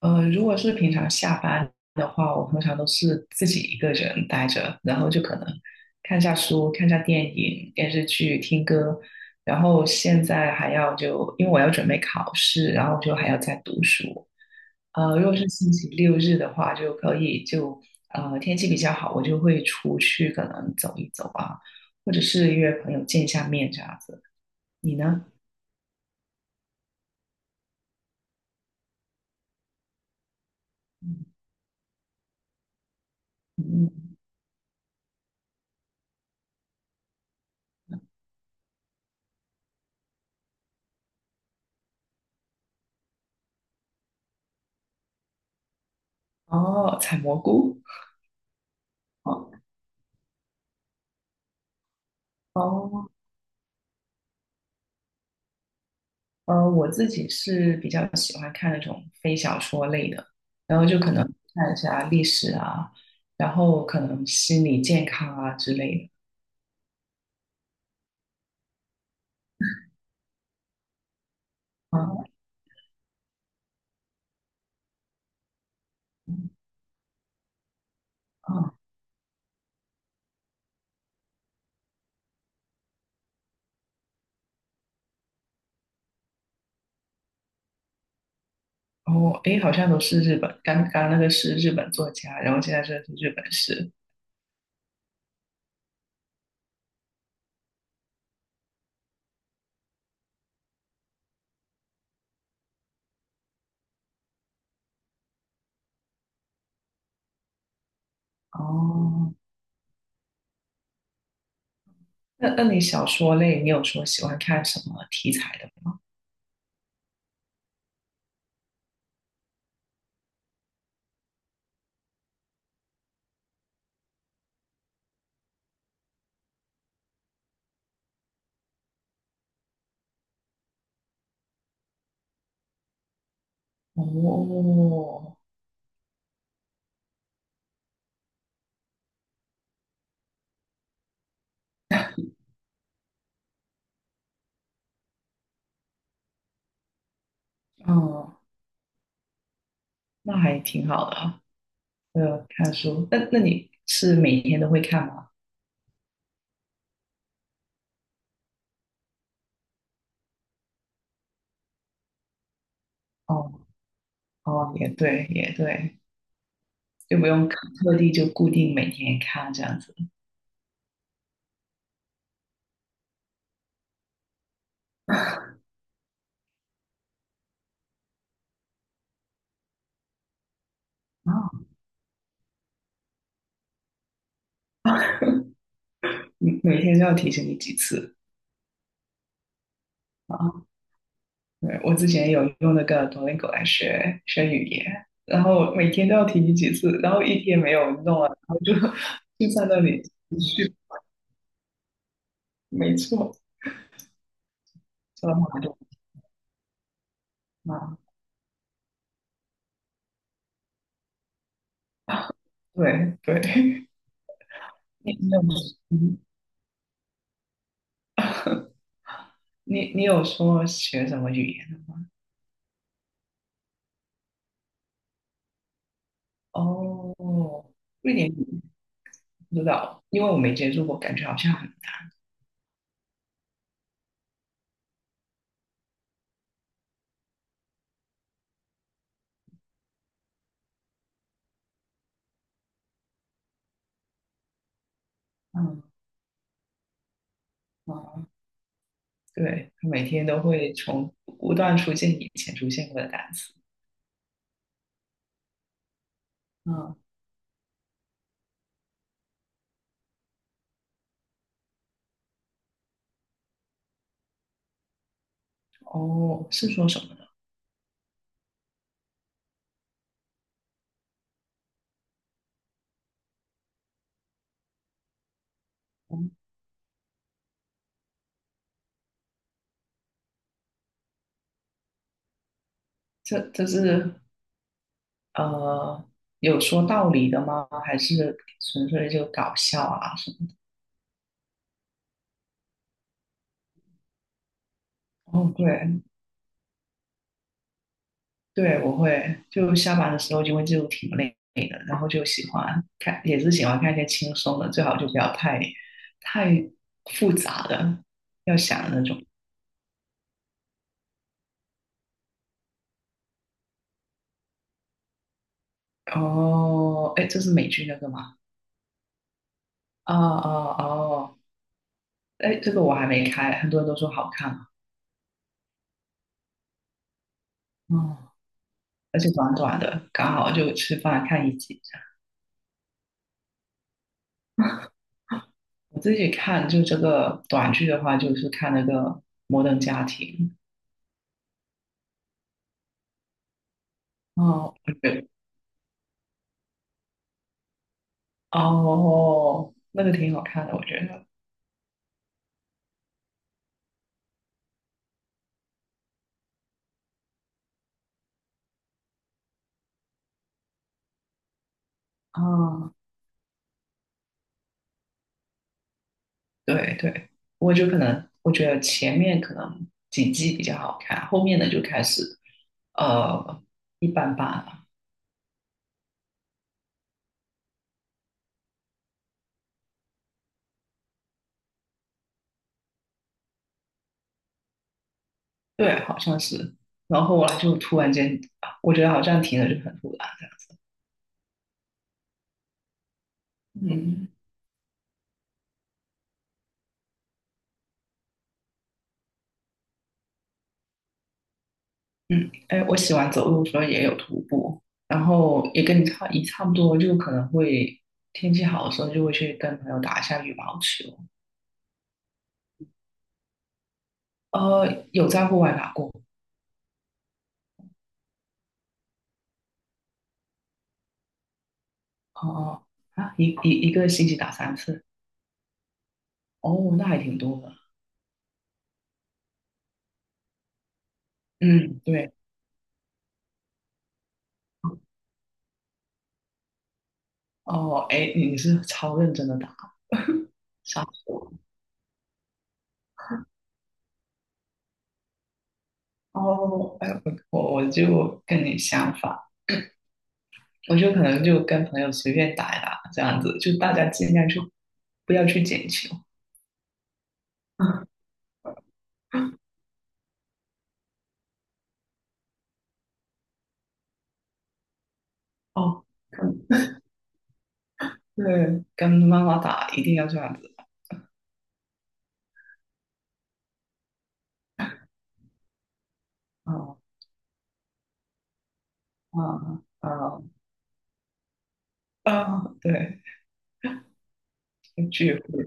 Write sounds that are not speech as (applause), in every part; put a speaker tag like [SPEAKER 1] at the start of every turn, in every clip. [SPEAKER 1] 如果是平常下班的话，我通常都是自己一个人待着，然后就可能看下书、看下电影、电视剧、听歌，然后现在还要因为我要准备考试，然后就还要再读书。如果是星期六日的话，就可以就天气比较好，我就会出去可能走一走啊，或者是约朋友见一下面这样子。你呢？嗯。哦，采蘑菇。哦哦。我自己是比较喜欢看那种非小说类的，然后就可能看一下历史啊，然后可能心理健康啊之类的。啊啊，然后诶，好像都是日本，刚刚那个是日本作家，然后现在这个是日本诗。哦，那你小说类，你有说喜欢看什么题材的吗？哦，嗯，那还挺好的啊。呃，看书，那你是每天都会看吗？哦。哦，也对，也对，就不用特地就固定每天看这样子啊。每每天都要提醒你几次啊。对，我之前有用那个 Duolingo 来学学语言，然后每天都要提醒几次，然后一天没有弄了，然后就 (laughs) 就在那里持续，没错，说的好多啊。对对，(laughs) 你你有嗯你有说学什么语言的吗？哦，瑞典语不知道，因为我没接触过，感觉好像很难。嗯嗯对，他每天都会不断出现以前出现过的单词。嗯。哦，是说什么呢？嗯，这这是呃有说道理的吗？还是纯粹就搞笑啊什么的？哦，对对，我会就下班的时候，因为就挺累的，然后就喜欢看，也是喜欢看一些轻松的，最好就不要太复杂的，要想的那种。哦，哎，这是美剧那个吗？哦哦哦，哎，这个我还没开，很多人都说好看嘛。哦，而且短短的，刚好就吃饭看1集。我自己看就这个短剧的话，就是看那个《摩登家庭》。哦，我觉得，哦，那个挺好看的，我觉得。哦，对对，我就可能我觉得前面可能几季比较好看，后面的就开始呃一般般了。对，好像是。然后后来就突然间，我觉得好像停了，就很突然的嗯。嗯，哎，我喜欢走路的时候也有徒步，然后也跟你差也差不多，就可能会天气好的时候就会去跟朋友打一下羽毛球。有在户外打过。哦哦，啊，一个星期打3次，哦，那还挺多的。嗯，对。哦，哎，你你是超认真的打，吓死我了。哦，哎，我就跟你相反，我就可能就跟朋友随便打一打这样子，就大家尽量去不要去捡球。(laughs) 哦。对，跟妈妈打一定要这样子。啊啊啊啊！对，聚会。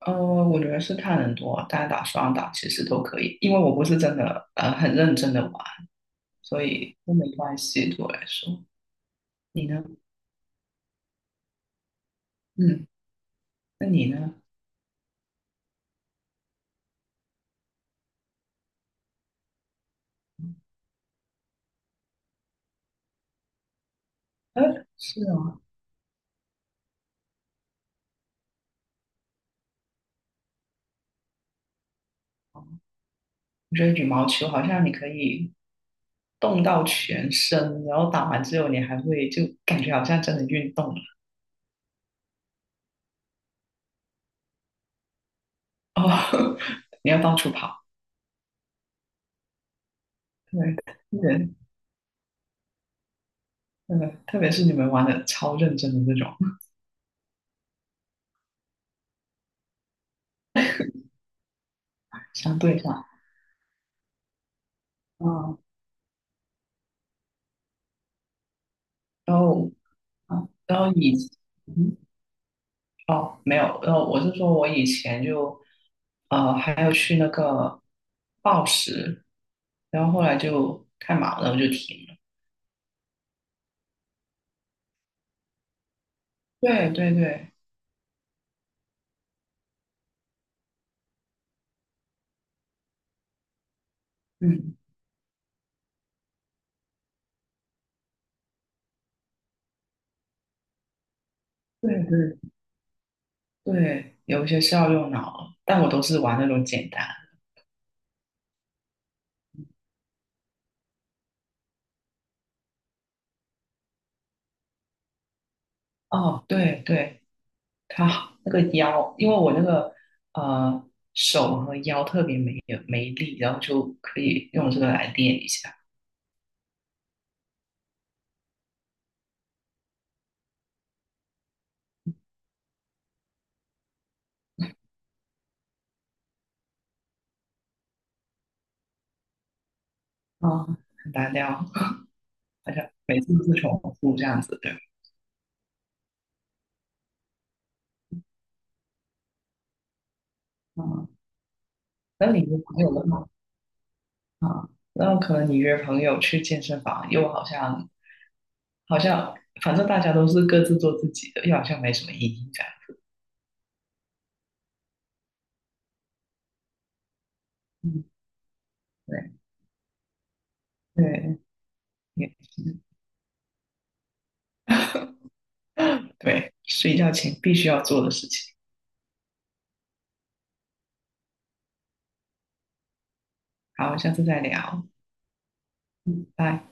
[SPEAKER 1] 呃，我觉得是看人多，单打双打其实都可以，因为我不是真的很认真的玩，所以都没关系对我来说。你呢？嗯，那你呢？呃，是啊，我觉得羽毛球好像你可以动到全身，然后打完之后你还会就感觉好像真的运动了。哦，(laughs) 你要到处跑。对，对，真的，特别是你们玩的超认真的那种，相对上，嗯，然后，啊，然后以，嗯，哦，没有，然后我是说我以前就，还有去那个报时，然后后来就太忙了，我就停了。对对对。嗯，对对对，有一些是要用脑，但我都是玩那种简单。哦，对对，他好那个腰，因为我那个呃手和腰特别没有没力，然后就可以用这个来练一下。啊、很单调，好像每次都是重复这样子的。啊、那你约朋友的话，啊、那可能你约朋友去健身房，又好像好像反正大家都是各自做自己的，又好像没什么意义这样。嗯，对对，也是对，睡觉前必须要做的事情。好，下次再聊，嗯，拜。